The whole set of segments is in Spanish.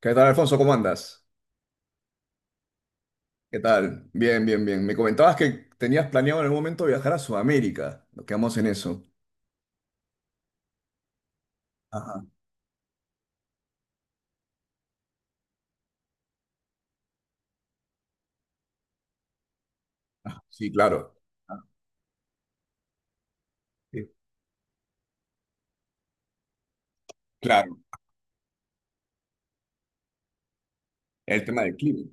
¿Qué tal, Alfonso? ¿Cómo andas? ¿Qué tal? Bien, bien, bien. Me comentabas que tenías planeado en algún momento viajar a Sudamérica. Nos quedamos en eso. Ajá. Sí, claro. Ah, sí. Claro, el tema del clima.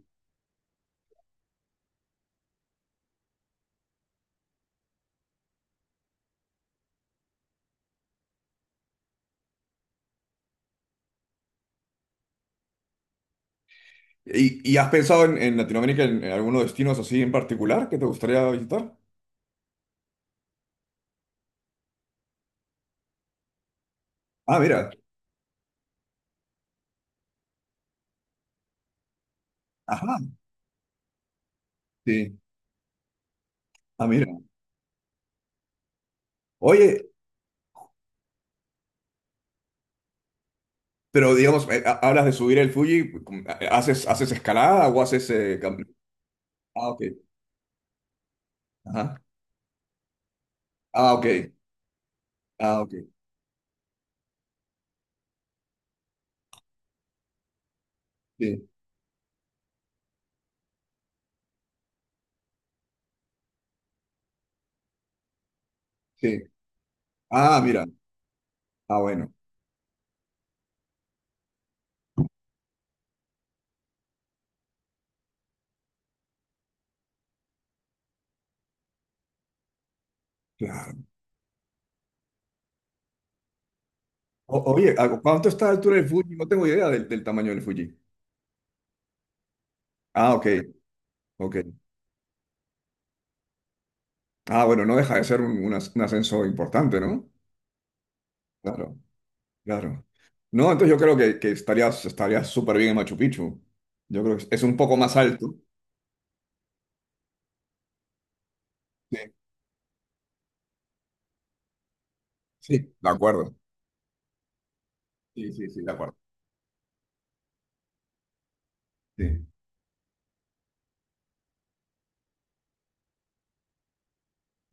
¿Y has pensado en Latinoamérica en algunos destinos así en particular que te gustaría visitar? Ah, mira. Ajá, sí. Ah, mira. Oye, pero digamos, hablas de subir el Fuji, ¿haces escalada o haces, Ah, ok. Ajá. Ah, ok. Ah, ok. Sí, sí. Ah, mira. Ah, bueno. Claro. Oye, ¿a ¿cuánto está la altura del Fuji? No tengo idea del tamaño del Fuji. Ah, ok, ok. Ah, bueno, no deja de ser un ascenso importante, ¿no? Claro, claro. No, entonces yo creo que estarías súper bien en Machu Picchu. Yo creo que es un poco más alto. Sí, sí, de acuerdo. Sí, sí, sí, de acuerdo. Sí.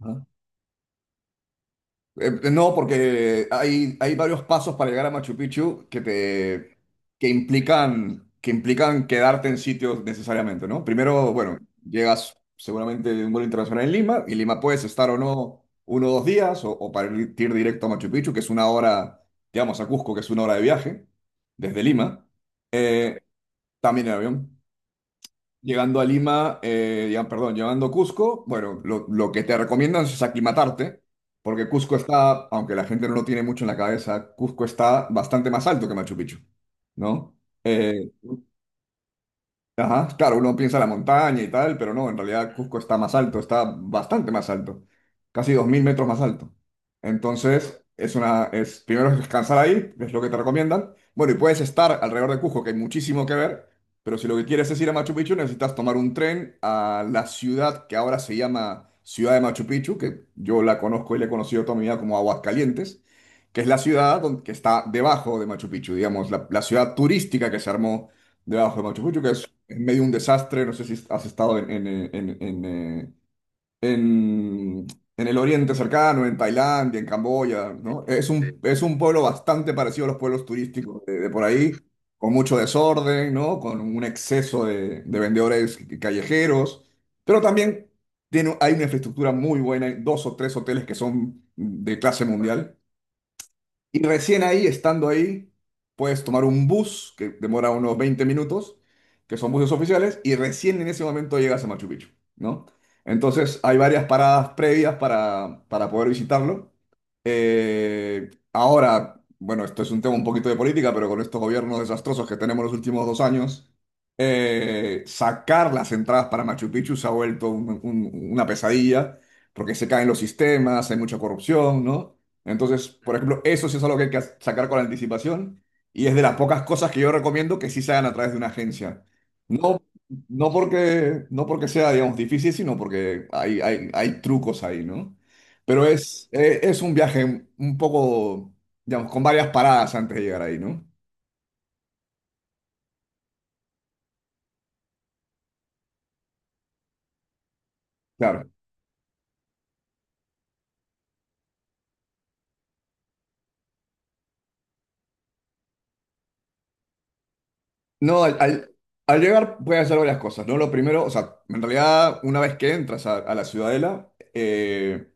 Ah. No, porque hay varios pasos para llegar a Machu Picchu que implican quedarte en sitios necesariamente, ¿no? Primero, bueno, llegas seguramente de un vuelo internacional en Lima, y Lima puedes estar o no uno o dos días, o para ir directo a Machu Picchu, que es una hora, digamos, a Cusco, que es una hora de viaje, desde Lima, eh, también en avión. Llegando a Lima, perdón, llegando a Cusco, bueno, lo que te recomiendan es aclimatarte, porque Cusco está, aunque la gente no lo tiene mucho en la cabeza, Cusco está bastante más alto que Machu Picchu, ¿no? Eh, Ajá, claro, uno piensa la montaña y tal, pero no, en realidad Cusco está más alto, está bastante más alto, casi 2.000 metros más alto. Entonces, primero es descansar ahí, es lo que te recomiendan. Bueno, y puedes estar alrededor de Cusco, que hay muchísimo que ver, pero si lo que quieres es ir a Machu Picchu, necesitas tomar un tren a la ciudad que ahora se llama Ciudad de Machu Picchu, que yo la conozco y la he conocido toda mi vida como Aguascalientes, que es la ciudad que está debajo de Machu Picchu, digamos, la ciudad turística que se armó debajo de Machu Picchu, que es en medio de un desastre. No sé si has estado en- en el Oriente cercano, en Tailandia, en Camboya, ¿no? Es un pueblo bastante parecido a los pueblos turísticos de por ahí, con mucho desorden, ¿no? Con un exceso de vendedores callejeros, pero también hay una infraestructura muy buena, hay dos o tres hoteles que son de clase mundial. Y recién ahí, estando ahí, puedes tomar un bus que demora unos 20 minutos, que son buses oficiales, y recién en ese momento llegas a Machu Picchu, ¿no? Entonces hay varias paradas previas para poder visitarlo. Ahora, bueno, esto es un tema un poquito de política, pero con estos gobiernos desastrosos que tenemos los últimos 2 años, sacar las entradas para Machu Picchu se ha vuelto una pesadilla, porque se caen los sistemas, hay mucha corrupción, ¿no? Entonces, por ejemplo, eso sí es algo que hay que sacar con anticipación y es de las pocas cosas que yo recomiendo que sí se hagan a través de una agencia. No, no porque sea, digamos, difícil, sino porque hay trucos ahí, ¿no? Pero es un viaje un poco, digamos, con varias paradas antes de llegar ahí, ¿no? Claro. No, al llegar puedes hacer varias cosas, ¿no? Lo primero, o sea, en realidad, una vez que entras a la ciudadela,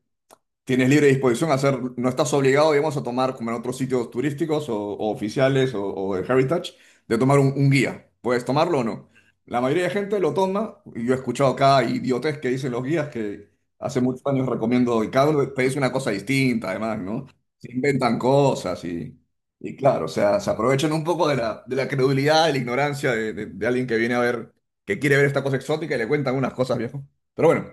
tienes libre disposición a hacer, no estás obligado, digamos, a tomar como en otros sitios turísticos o oficiales o de Heritage, de tomar un guía. Puedes tomarlo o no. La mayoría de gente lo toma. Y yo he escuchado cada idiotez que dicen los guías que hace muchos años recomiendo y cada uno te dice una cosa distinta, además, ¿no? Se inventan cosas y claro, o sea, se aprovechan un poco de la credulidad, de la ignorancia de alguien que viene a ver, que quiere ver esta cosa exótica y le cuentan unas cosas, viejo. Pero bueno.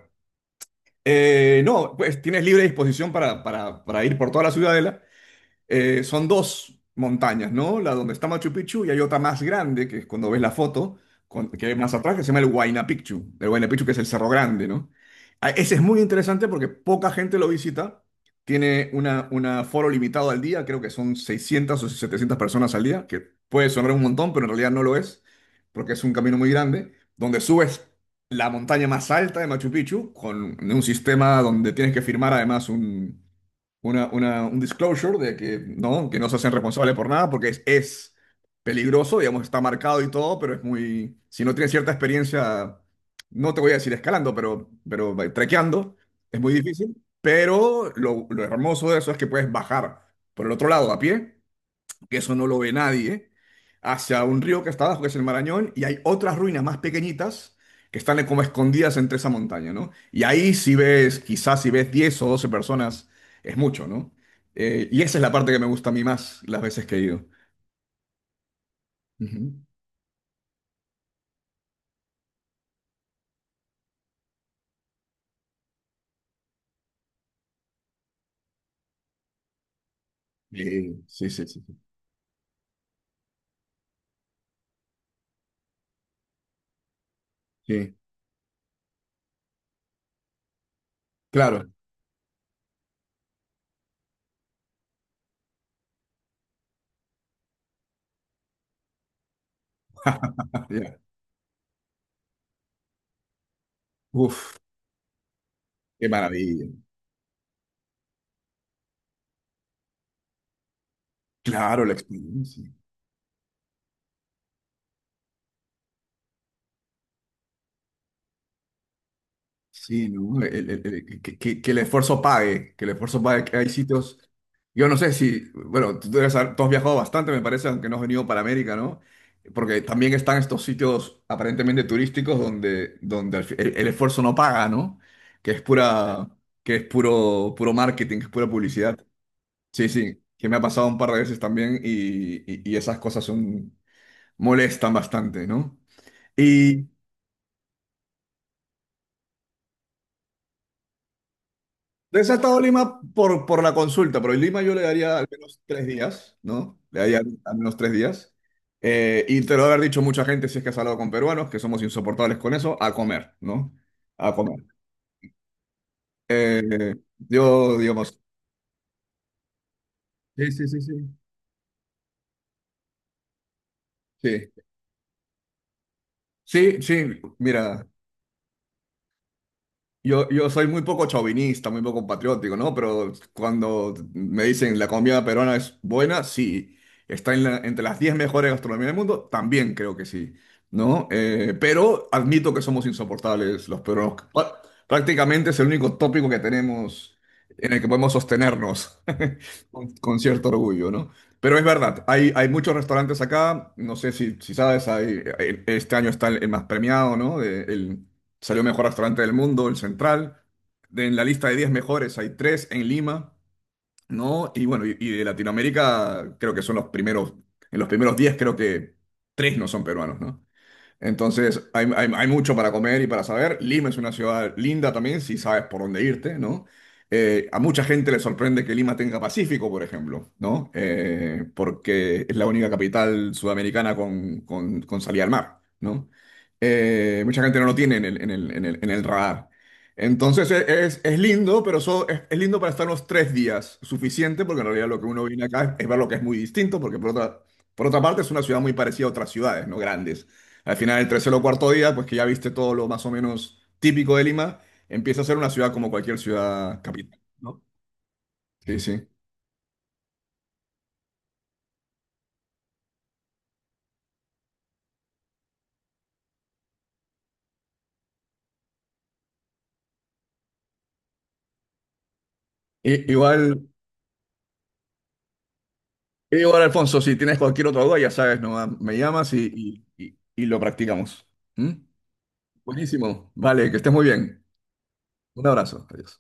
No, pues tienes libre disposición para ir por toda la ciudadela. Son dos montañas, ¿no? La donde está Machu Picchu y hay otra más grande, que es cuando ves la foto, que hay más atrás, que se llama el Huayna Picchu. El Huayna Picchu que es el Cerro Grande, ¿no? Ah, ese es muy interesante porque poca gente lo visita. Tiene una aforo limitado al día, creo que son 600 o 700 personas al día, que puede sonar un montón, pero en realidad no lo es, porque es un camino muy grande, donde subes la montaña más alta de Machu Picchu con un sistema donde tienes que firmar además un disclosure de que no se hacen responsables por nada porque es peligroso, digamos, está marcado y todo, pero es muy, si no tienes cierta experiencia, no te voy a decir escalando, pero trekeando, es muy difícil, pero lo hermoso de eso es que puedes bajar por el otro lado a pie que eso no lo ve nadie, hacia un río que está abajo, que es el Marañón, y hay otras ruinas más pequeñitas que están como escondidas entre esa montaña, ¿no? Y ahí quizás si ves 10 o 12 personas, es mucho, ¿no? Y esa es la parte que me gusta a mí más las veces que he ido. Ujú. Sí, sí, sí, sí. Sí, claro. Ah, ya. Uf, qué maravilla. Claro, la experiencia. Sí, ¿no? Que el esfuerzo pague, que el esfuerzo pague, que hay sitios. Yo no sé si, bueno, tú, tú has viajado bastante, me parece, aunque no has venido para América, ¿no? Porque también están estos sitios aparentemente turísticos donde el esfuerzo no paga, ¿no? Que es pura, que es puro, puro marketing, que es pura publicidad. Sí, sí, que me ha pasado un par de veces también y, y esas cosas molestan bastante, ¿no? De esa estado Lima por la consulta, pero en Lima yo le daría al menos 3 días, ¿no? Le daría al menos tres días. Y te lo debe haber dicho mucha gente si es que has hablado con peruanos, que somos insoportables con eso, a comer, ¿no? A comer. Yo, digamos. Sí, sí, sí, sí. Sí, sí, sí, mira. Yo soy muy poco chauvinista, muy poco patriótico, ¿no? Pero cuando me dicen la comida peruana es buena, sí. Entre las 10 mejores gastronomías del mundo, también creo que sí, ¿no? Pero admito que somos insoportables los peruanos. Prácticamente es el único tópico que tenemos en el que podemos sostenernos con cierto orgullo, ¿no? Pero es verdad, hay muchos restaurantes acá, no sé si, sabes, este año está el más premiado, ¿no? Salió mejor restaurante del mundo, el Central. En la lista de 10 mejores hay 3 en Lima, ¿no? Y bueno, y de Latinoamérica creo que son los primeros, en los primeros 10 creo que 3 no son peruanos, ¿no? Entonces, hay mucho para comer y para saber. Lima es una ciudad linda también, si sabes por dónde irte, ¿no? A mucha gente le sorprende que Lima tenga Pacífico, por ejemplo, ¿no? Porque es la única capital sudamericana con salida al mar, ¿no? Mucha gente no lo tiene en el radar. Entonces, es lindo, pero es lindo para estar unos 3 días, suficiente, porque en realidad lo que uno viene acá es ver lo que es muy distinto, porque por otra parte es una ciudad muy parecida a otras ciudades, ¿no? Grandes. Al final, el tercer o cuarto día, pues que ya viste todo lo más o menos típico de Lima, empieza a ser una ciudad como cualquier ciudad capital, ¿no? Sí, sí. I- igual, Igual, Alfonso, si tienes cualquier otra duda, ya sabes, nomás me llamas y lo practicamos. ¿Mm? Buenísimo. Vale, que estés muy bien. Un abrazo. Adiós.